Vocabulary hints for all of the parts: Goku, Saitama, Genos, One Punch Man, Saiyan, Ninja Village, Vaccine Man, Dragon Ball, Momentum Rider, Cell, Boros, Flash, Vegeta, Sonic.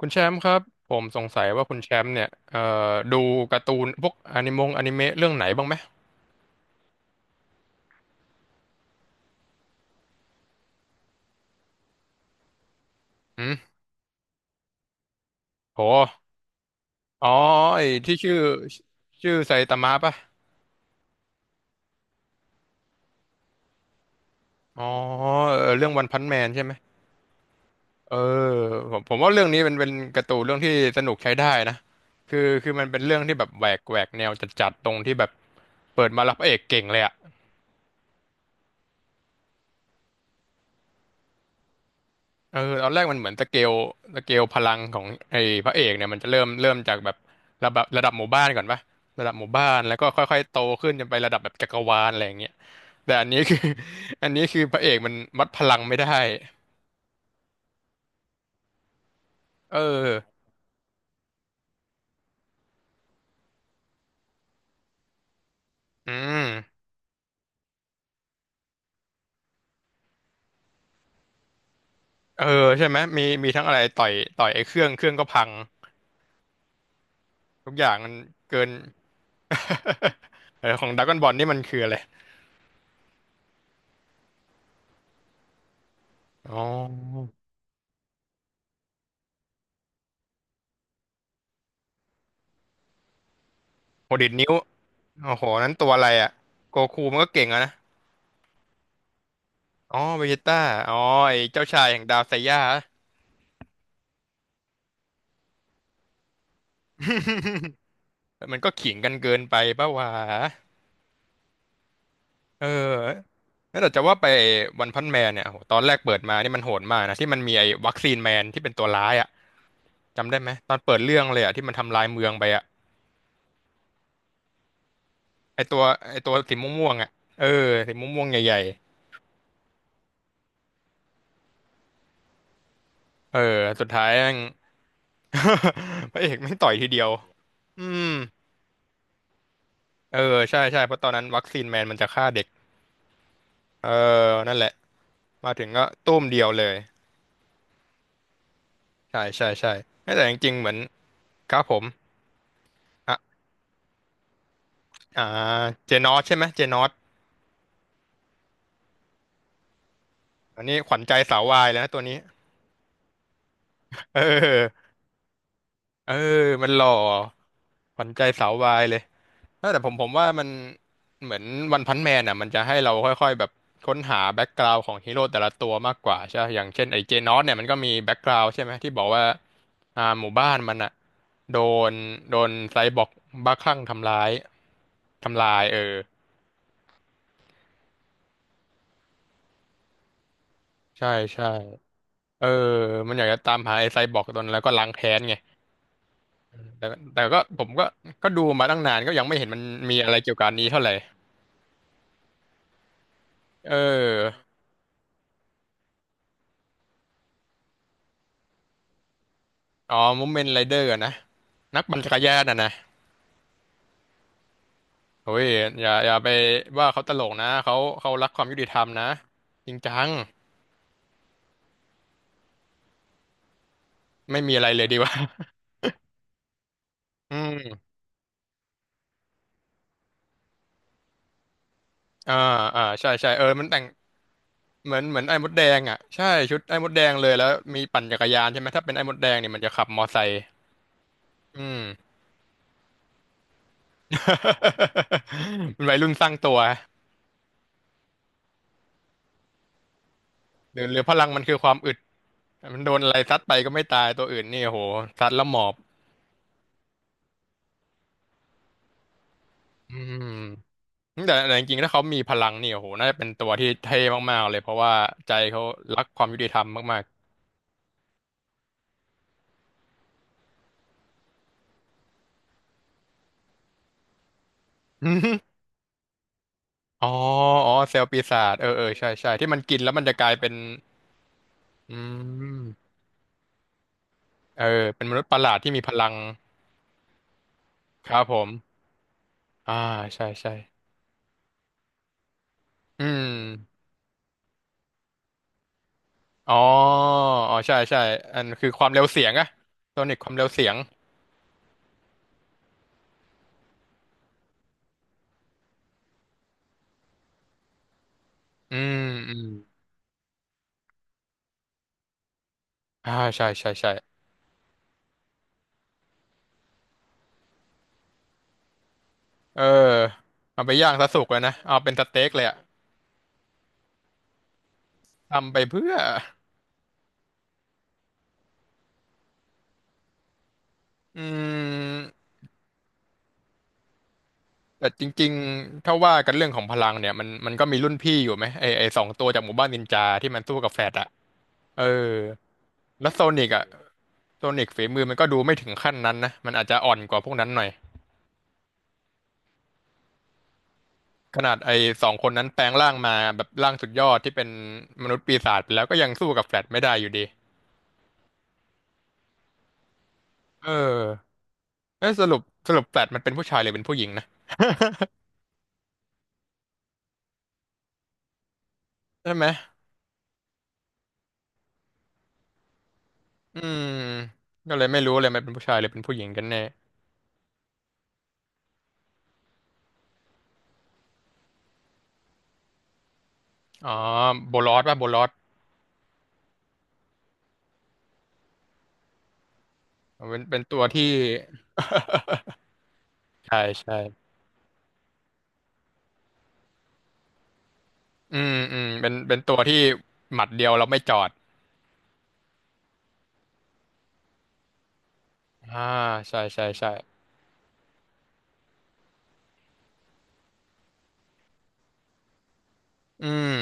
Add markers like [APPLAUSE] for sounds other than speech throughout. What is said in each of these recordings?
คุณแชมป์ครับผมสงสัยว่าคุณแชมป์เนี่ยดูการ์ตูนพวกอนิเมะเรื่องไหนบ้างไหมอืมโหอ๋อไอ้ที่ชื่อไซตามะป่ะอ๋อเออเรื่องวันพันแมนใช่ไหมเออผมว่าเรื่องนี้เป็นการ์ตูนเรื่องที่สนุกใช้ได้นะคือมันเป็นเรื่องที่แบบแหวกแนวจัดๆตรงที่แบบเปิดมาแล้วพระเอกเก่งเลยอะ เออตอนแรกมันเหมือนสเกลพลังของไอ้พระเอกเนี่ยมันจะเริ่มจากแบบระดับหมู่บ้านก่อนปะระดับหมู่บ้านแล้วก็ค่อยๆโตขึ้นจนไประดับแบบจักรวาลอะไรอย่างเงี้ยแต่อันนี้คือ [LAUGHS] อันนี้คือพระเอกมันวัดพลังไม่ได้เอออืมเออใช่ไหมมีทั้งอะไรต่อยไอ้เครื่องก็พังทุกอย่างมันเกิน [LAUGHS] เออของดราก้อนบอลนี่มันคืออะไรอ๋อโหดีดนิ้วโอ้โหนั้นตัวอะไรอ่ะโกคูมันก็เก่งอะนะ อ๋อเวเจต้าอ๋อไอ้เจ้าชายแห่งดาวไซย่า [LAUGHS] มันก็ขิงกันเกินไปปะวะเออแล้วแต่จะว่าไปวันพันแมนเนี่ยโหตอนแรกเปิดมานี่มันโหดมากนะที่มันมีไอ้วัคซีนแมนที่เป็นตัวร้ายอ่ะจำได้ไหมตอนเปิดเรื่องเลยอ่ะที่มันทำลายเมืองไปอ่ะไอ้ตัวไอ้ตัวสีม่วงๆอ่ะเออสีม่วงๆใหญ่ๆเออสุดท้ายแม่ง [LAUGHS] พระเอกแม่งต่อยทีเดียวอืมเออใช่ใช่เพราะตอนนั้นวัคซีนแมนมันจะฆ่าเด็กเออนั่นแหละมาถึงก็ตุ้มเดียวเลย ใช่ใช่ใช่ แต่จริงๆเหมือนครับผมอ่ะอ่าเจนอสใช่ไหมเจนอสอันนี้ขวัญใจสาววายแล้วนะตัวนี้เออเออมันหล่อขวัญใจสาววายเลยเออแต่ผมว่ามันเหมือนวันพันแมนอ่ะมันจะให้เราค่อยๆแบบค้นหาแบ็กกราวด์ของฮีโร่แต่ละตัวมากกว่าใช่ไหมอย่างเช่นไอ้เจนอสเนี่ยมันก็มีแบ็กกราวด์ใช่ไหมที่บอกว่าอ่าหมู่บ้านมันอ่ะโดนโดนไซบอร์กบ้าคลั่งทำร้ายทำลายเออใช่ใช่ เออมันอยากจะตามหาไอ้ไซบอร์กตอนนั้นแล้วก็ล้างแค้นไง แต่แต่ก็ผมก็ก็ดูมาตั้งนานก็ยังไม่เห็นมันมีอะไรเกี่ยวกับอันนี้เท่าไหร่ เอออ๋อมูเมนต์ไรเดอร์นะ นักปั่นจักรยานอ่ะนะโอ้ยอย่าไปว่าเขาตลกนะเขารักความยุติธรรมนะจริงจัง ไม่มีอะไรเลยดีกว่า [LAUGHS] อืม อ่า อ่า ใช่ใช่เออ มันแต่งเหมือนเหมือนไอ้มดแดงอ่ะใช่ชุดไอ้มดแดงเลยแล้วมีปั่นจักรยานใช่ไหมถ้าเป็นไอ้มดแดงเนี่ยมันจะขับมอไซค์อืม [LAUGHS] เป็นวัยรุ่นสร้างตัวหรือพลังมันคือความอึดมันโดนอะไรซัดไปก็ไม่ตายตัวอื่นนี่โอ้โหซัดแล้วหมอบอืมแต่จริงๆถ้าเขามีพลังนี่โอ้โหน่าจะเป็นตัวที่เท่มากๆเลยเพราะว่าใจเขารักความยุติธรรมมากๆ [LAUGHS] ออ๋ออ๋อเซลล์ปีศาจเออเออใช่ใช่ที่มันกินแล้วมันจะกลายเป็นอืมเออเป็นมนุษย์ประหลาดที่มีพลังครับผมอ่าใช่ใช่อืม อ๋ออ๋อ ใช่ใช่อันคือความเร็วเสียงอะโซนิกความเร็วเสียงอืมอืมอ่าใช่ใช่ใช่เออเอาไปย่างซะสุกเลยนะเอาเป็นสเต็กเลยอะทำไปเพื่อ อืม แต่จริงๆถ้าว่ากันเรื่องของพลังเนี่ยมันก็มีรุ่นพี่อยู่ไหมไอสองตัวจากหมู่บ้านนินจาที่มันสู้กับแฟดอะเออ แล้วโซนิกอะโซนิกฝีมือมันก็ดูไม่ถึงขั้นนั้นนะ มันอาจจะอ่อนกว่าพวกนั้นหน่อย ขนาดไอ้สองคนนั้นแปลงร่างมาแบบร่างสุดยอดที่เป็นมนุษย์ปีศาจไปแล้วก็ยังสู้กับแฟลชไม่ได้อยู่ดีเออเอ้ยสรุปแฟลชมันเป็นผู้ชายหรือเป็นผู้หญิงนะใช่ไหมอืมก็เลยไม่รู้เลยมันเป็นผู้ชายหรือเป็นผู้หญิงกันแน่อ๋อโบลอสป่ะโบลอสเป็นตัวที่ใช่ใช่อืมอืมเป็นตัวที่หมัดเดียวเราไม่จอดอ่าใช่ใช่ใช่อืม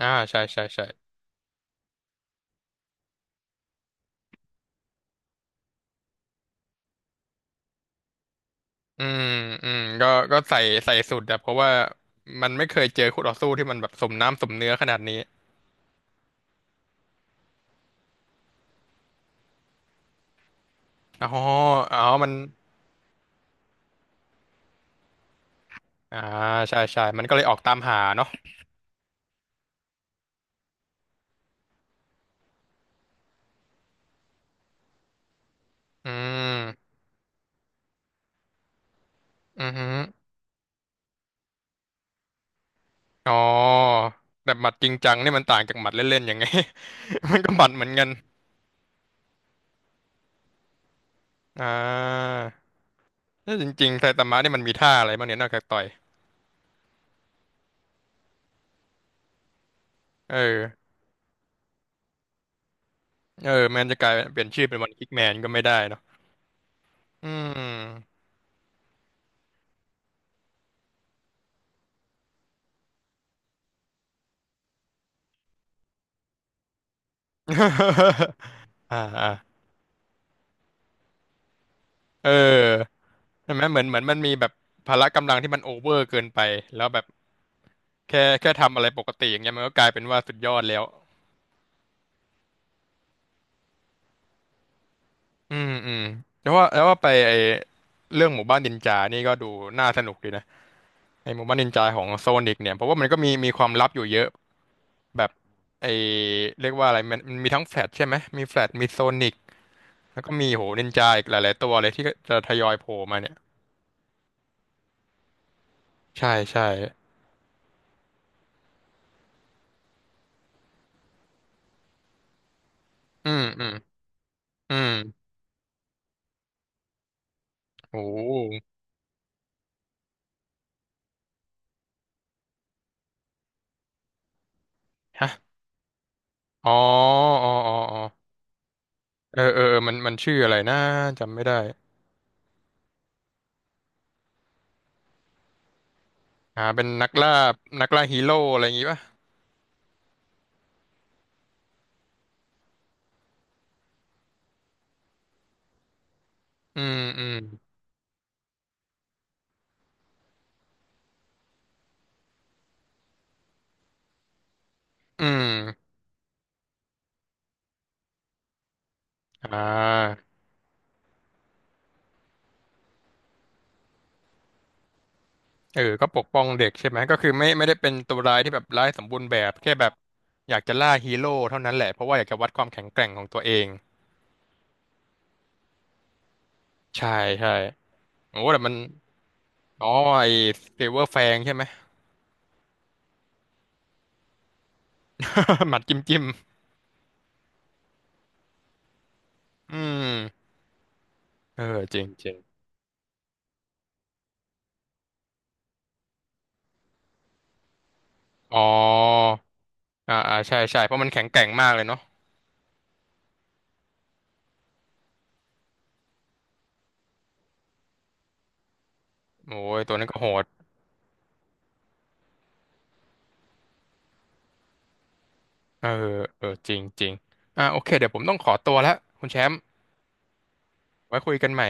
อ่าใช่ใช่ใช่ อืมอืมก็ใส่ใส่สุดอะเพราะว่ามันไม่เคยเจอคู่ต่อสู้ที่มันแบบสมน้ำสมเนื้อขนาดนี้อ๋ออ๋อมันอ่าใช่ใช่มันก็เลยออกตามหาเนาะอืมอือฮึอ๋อแต่หมัดจริงจังนี่มันต่างจากหมัดเล่นๆยังไง [LAUGHS] มันก็หมัดเหมือนกันอ่าถ้าจริงๆไซตามะนี่มันมีท่าอะไรบ้างเนี่ยนอกจากต่อยเออเออแมนจะกลายเป็นเปลี่ยนชื่อเป็นวันคิกแมนก็ไม่ได้เนาะอืม [LAUGHS] อ่าอ่าเออ ใช่ไหมเหมือนมันมีแบบพละกำลังที่มันโอเวอร์เกินไปแล้วแบบแค่ทำอะไรปกติอย่างเงี้ยมันก็กลายเป็นว่าสุดยอดแล้วอืมอืมแล้วว่าไปไอเรื่องหมู่บ้านนินจานี่ก็ดูน่าสนุกดีนะไอหมู่บ้านนินจาของโซนิกเนี่ยเพราะว่ามันก็มีความลับอยู่เยอะแบบไอเรียกว่าอะไรมันมีทั้งแฟลชใช่ไหมมีแฟลชมีโซนิกแล้วก็มีโหนินจาอีกหลายๆตัวเลยที่จะทยอยโผล่มาเนี่ยใช่ใช่อืมอืมอืมโอ้ฮะอ๋ออ๋ออ๋ออ๋อ เออเออเออมันชื่ออะไรนะจำไม่ได้อ่าเป็นนักล่านักล่าฮีโร่อะไรอย่างงี้ป่ะอืมอืมอืมอ่าเออก็ปกป้องเด็กใช่ไหมก็คือไม่ได้เป็นตัวร้ายที่แบบร้ายสมบูรณ์แบบแค่แบบอยากจะล่าฮีโร่เท่านั้นแหละเพราะว่าอยากจะวัดความแข็งแกร่งของตัวเองใช่ใช่โอ้แต่มันอ๋อไอเซเวอร์แฟงใช่ไหม [LAUGHS] หมัดจิ้มจิ้มอืมเออจริงจริงอ๋ออ่าอ่าใช่ใช่เพราะมันแข็งแกร่งมากเลยเนาะโอ้ยตัวนั้นก็โหด เออเออจริงจริงอ่าโอเคเดี๋ยวผมต้องขอตัวแล้ว คุณแชมป์ไว้คุยกันใหม่